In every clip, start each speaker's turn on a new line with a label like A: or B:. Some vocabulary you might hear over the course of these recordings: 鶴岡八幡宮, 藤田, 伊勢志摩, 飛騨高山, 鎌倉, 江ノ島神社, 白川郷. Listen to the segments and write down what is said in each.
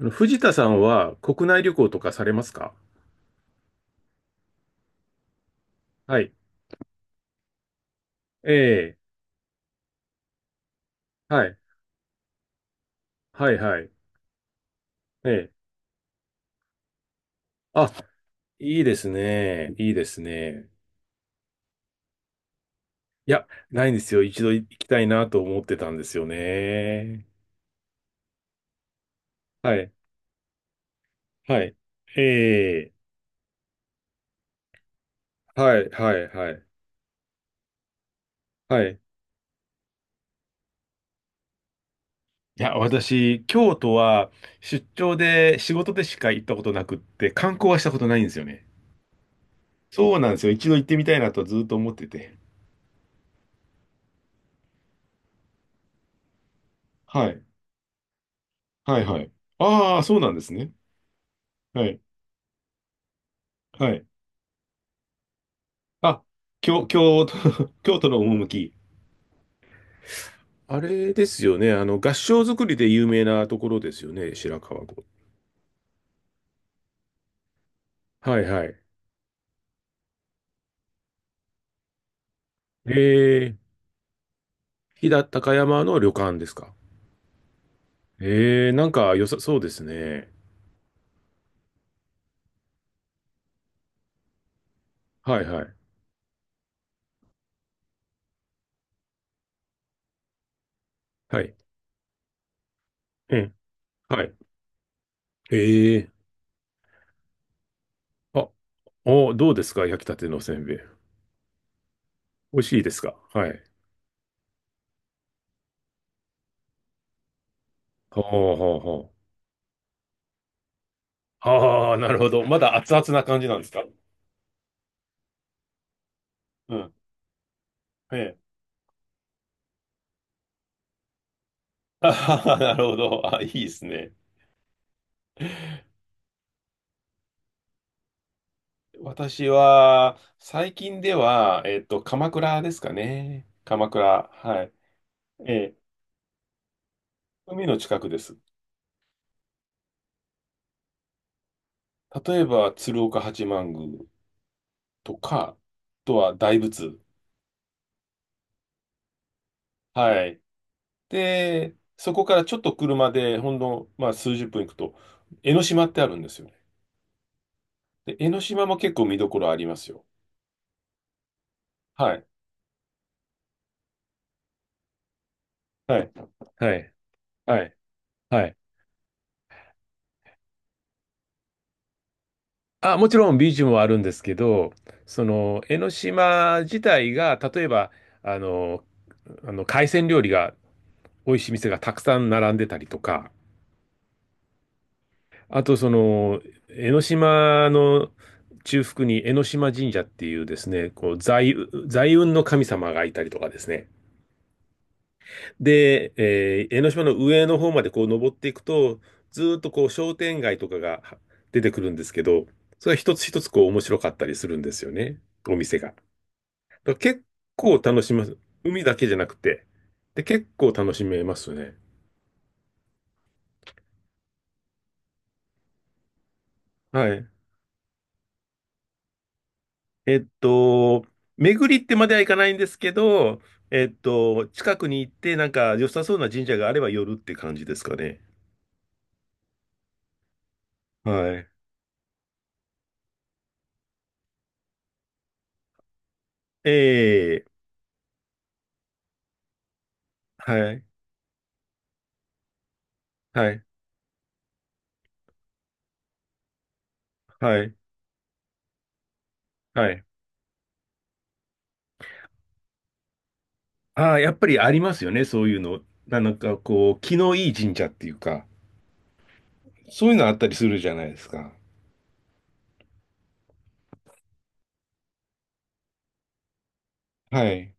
A: あの、藤田さんは国内旅行とかされますか？はい。ええ、はい。はい、はい。ええ。あ、いいですね。いいですね。いや、ないんですよ。一度行きたいなと思ってたんですよね。はい、はい。ええ、はい、はい、はい。はい。いや、私、京都は出張で仕事でしか行ったことなくって、観光はしたことないんですよね。そうなんですよ。一度行ってみたいなとずっと思ってて。はい、はい、はい。ああ、そうなんですね。はい。はい。あ、京都、京都の趣。あれですよね。あの、合掌造りで有名なところですよね、白川郷。はいはい。えー、飛騨高山の旅館ですか？えー、なんか良さそうですね。はいはい。はい。うん。はい。えー、あ、お、どうですか、焼きたてのせんべい。美味しいですか？はい。ほうほうほう。ああ、なるほど。まだ熱々な感じなんですか？うん。ええ。あはは、なるほど。あ、いいですね。私は、最近では、鎌倉ですかね。鎌倉。はい。ええ、海の近くです。例えば、鶴岡八幡宮とか、あとは大仏。はい。で、そこからちょっと車で、ほんの、まあ、数十分行くと、江ノ島ってあるんですよね。で、江ノ島も結構見どころありますよ。はい。はい。はい。はい。はい。あ、もちろんビーチもあるんですけど、その江ノ島自体が、例えば、あの、あの、海鮮料理が美味しい店がたくさん並んでたりとか、あとその江ノ島の中腹に江ノ島神社っていうですね、こう財運の神様がいたりとかですね。で、えー、江ノ島の上の方までこう登っていくと、ずーっとこう商店街とかが出てくるんですけど、それは一つ一つこう面白かったりするんですよね、お店が。だから結構楽しめます。海だけじゃなくて。で、結構楽しめますね。はい。えっと、巡りってまではいかないんですけど、近くに行って、なんか良さそうな神社があれば寄るって感じですかね。はい。ええ、はい、はい、はい、はい。ああ、やっぱりありますよね、そういうの。なんかこう、気のいい神社っていうか、そういうのあったりするじゃないですか。はい。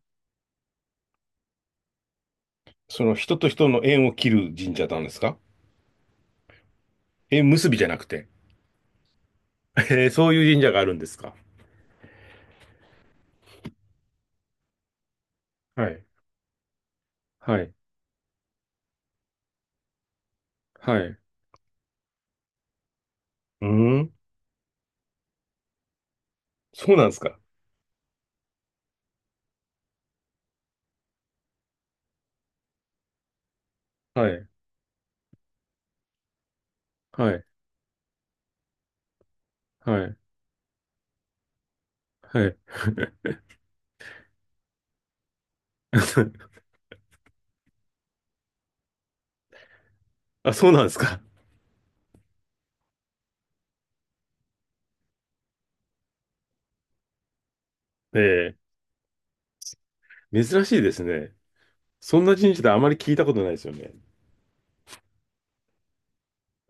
A: その人と人の縁を切る神社なんですか？縁結びじゃなくて。えー、そういう神社があるんですか。はい。はい。はい。うーん。そうなんですか。はい。はい。はい。はい。あ、そうなんですか。ええ、珍しいですね。そんな神社であまり聞いたことないですよね。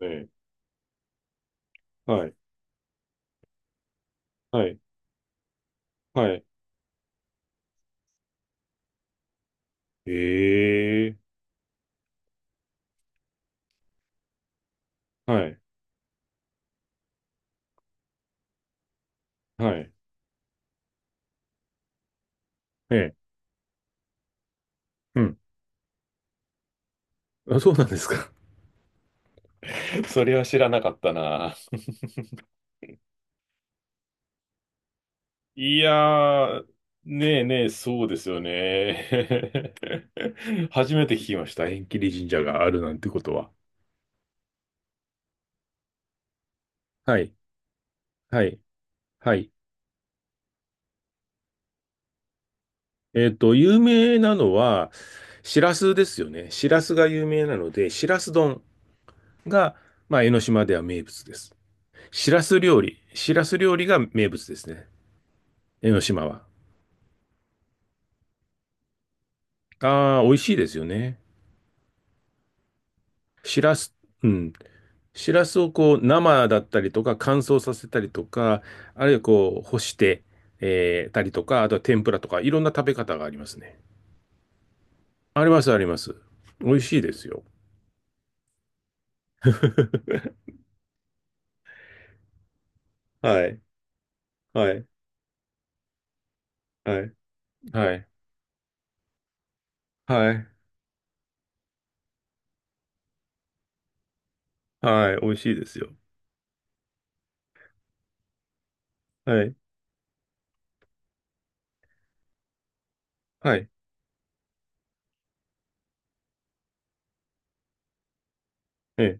A: ええ、はい、はい、はい。ええ、はい、はい。ええ、うん。あ、そうなんですか。それは知らなかったな。いやー、ねえねえ、そうですよね。初めて聞きました。縁切り神社があるなんてことは。はい、はい、はい。有名なのは、しらすですよね。しらすが有名なので、しらす丼が、まあ、江ノ島では名物です。しらす料理が名物ですね。江ノ島は。ああ、美味しいですよね。しらす、うん。シラスをこう生だったりとか乾燥させたりとか、あるいはこう干して、えーたりとか、あとは天ぷらとかいろんな食べ方がありますね。ありますあります。美味しいですよ。はい、はい、はい、はい。はい、はい、美味しいですよ。はい、はい、ええ、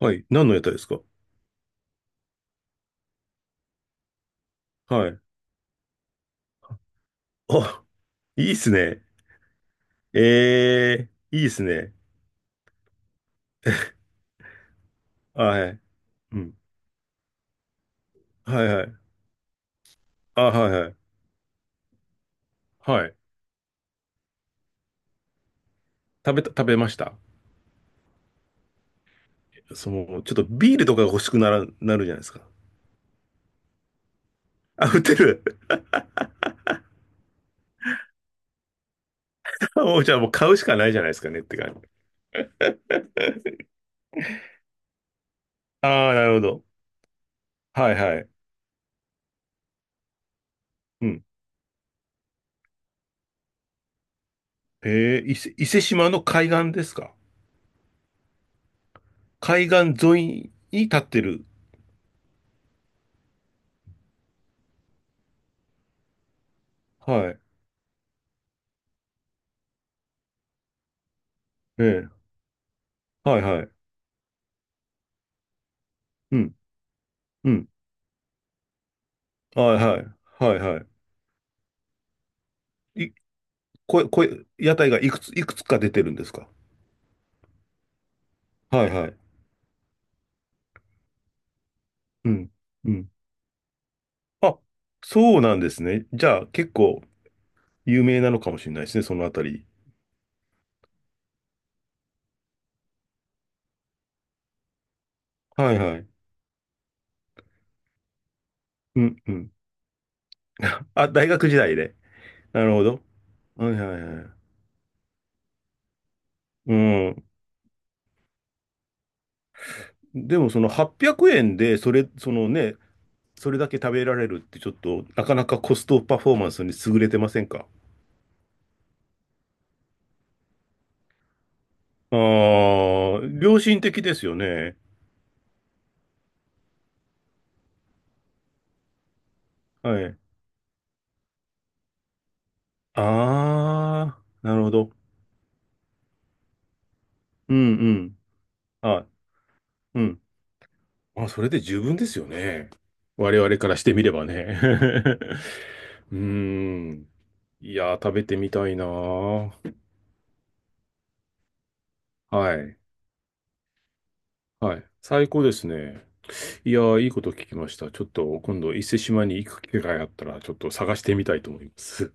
A: はい、何の屋台ですか？はい。あ、いいっすね。ええ、いいっすね。はい、うん、はい、はい、あ、はい、はい。はい。食べました？その、ちょっとビールとかが欲しくなら、なるじゃないですか。あ、売ってる。もうじゃあもう買うしかないじゃないですかねって感じ。ああ、なるほど。はいはい。うん。えー、伊勢島の海岸ですか？海岸沿いに立ってる。はい。ええ、はいはい。うん。うん。はいはい。はいはい。い、こ、こ、屋台がいくつか出てるんですか？はいはい。うん。うん。あ、そうなんですね。じゃあ結構有名なのかもしれないですね、そのあたり。はいはい。うんうん。あ、大学時代で。なるほど。はいはいはい。うん。でもその800円で、そのね、それだけ食べられるってちょっと、なかなかコストパフォーマンスに優れてませんか？ああー、良心的ですよね。はい。ああ、なるほど。うんうん。あ、うん。あ、それで十分ですよね。我々からしてみればね。うーん。いやー、食べてみたいなー。はい。はい。最高ですね。いやー、いいこと聞きました。ちょっと今度、伊勢志摩に行く機会があったら、ちょっと探してみたいと思います。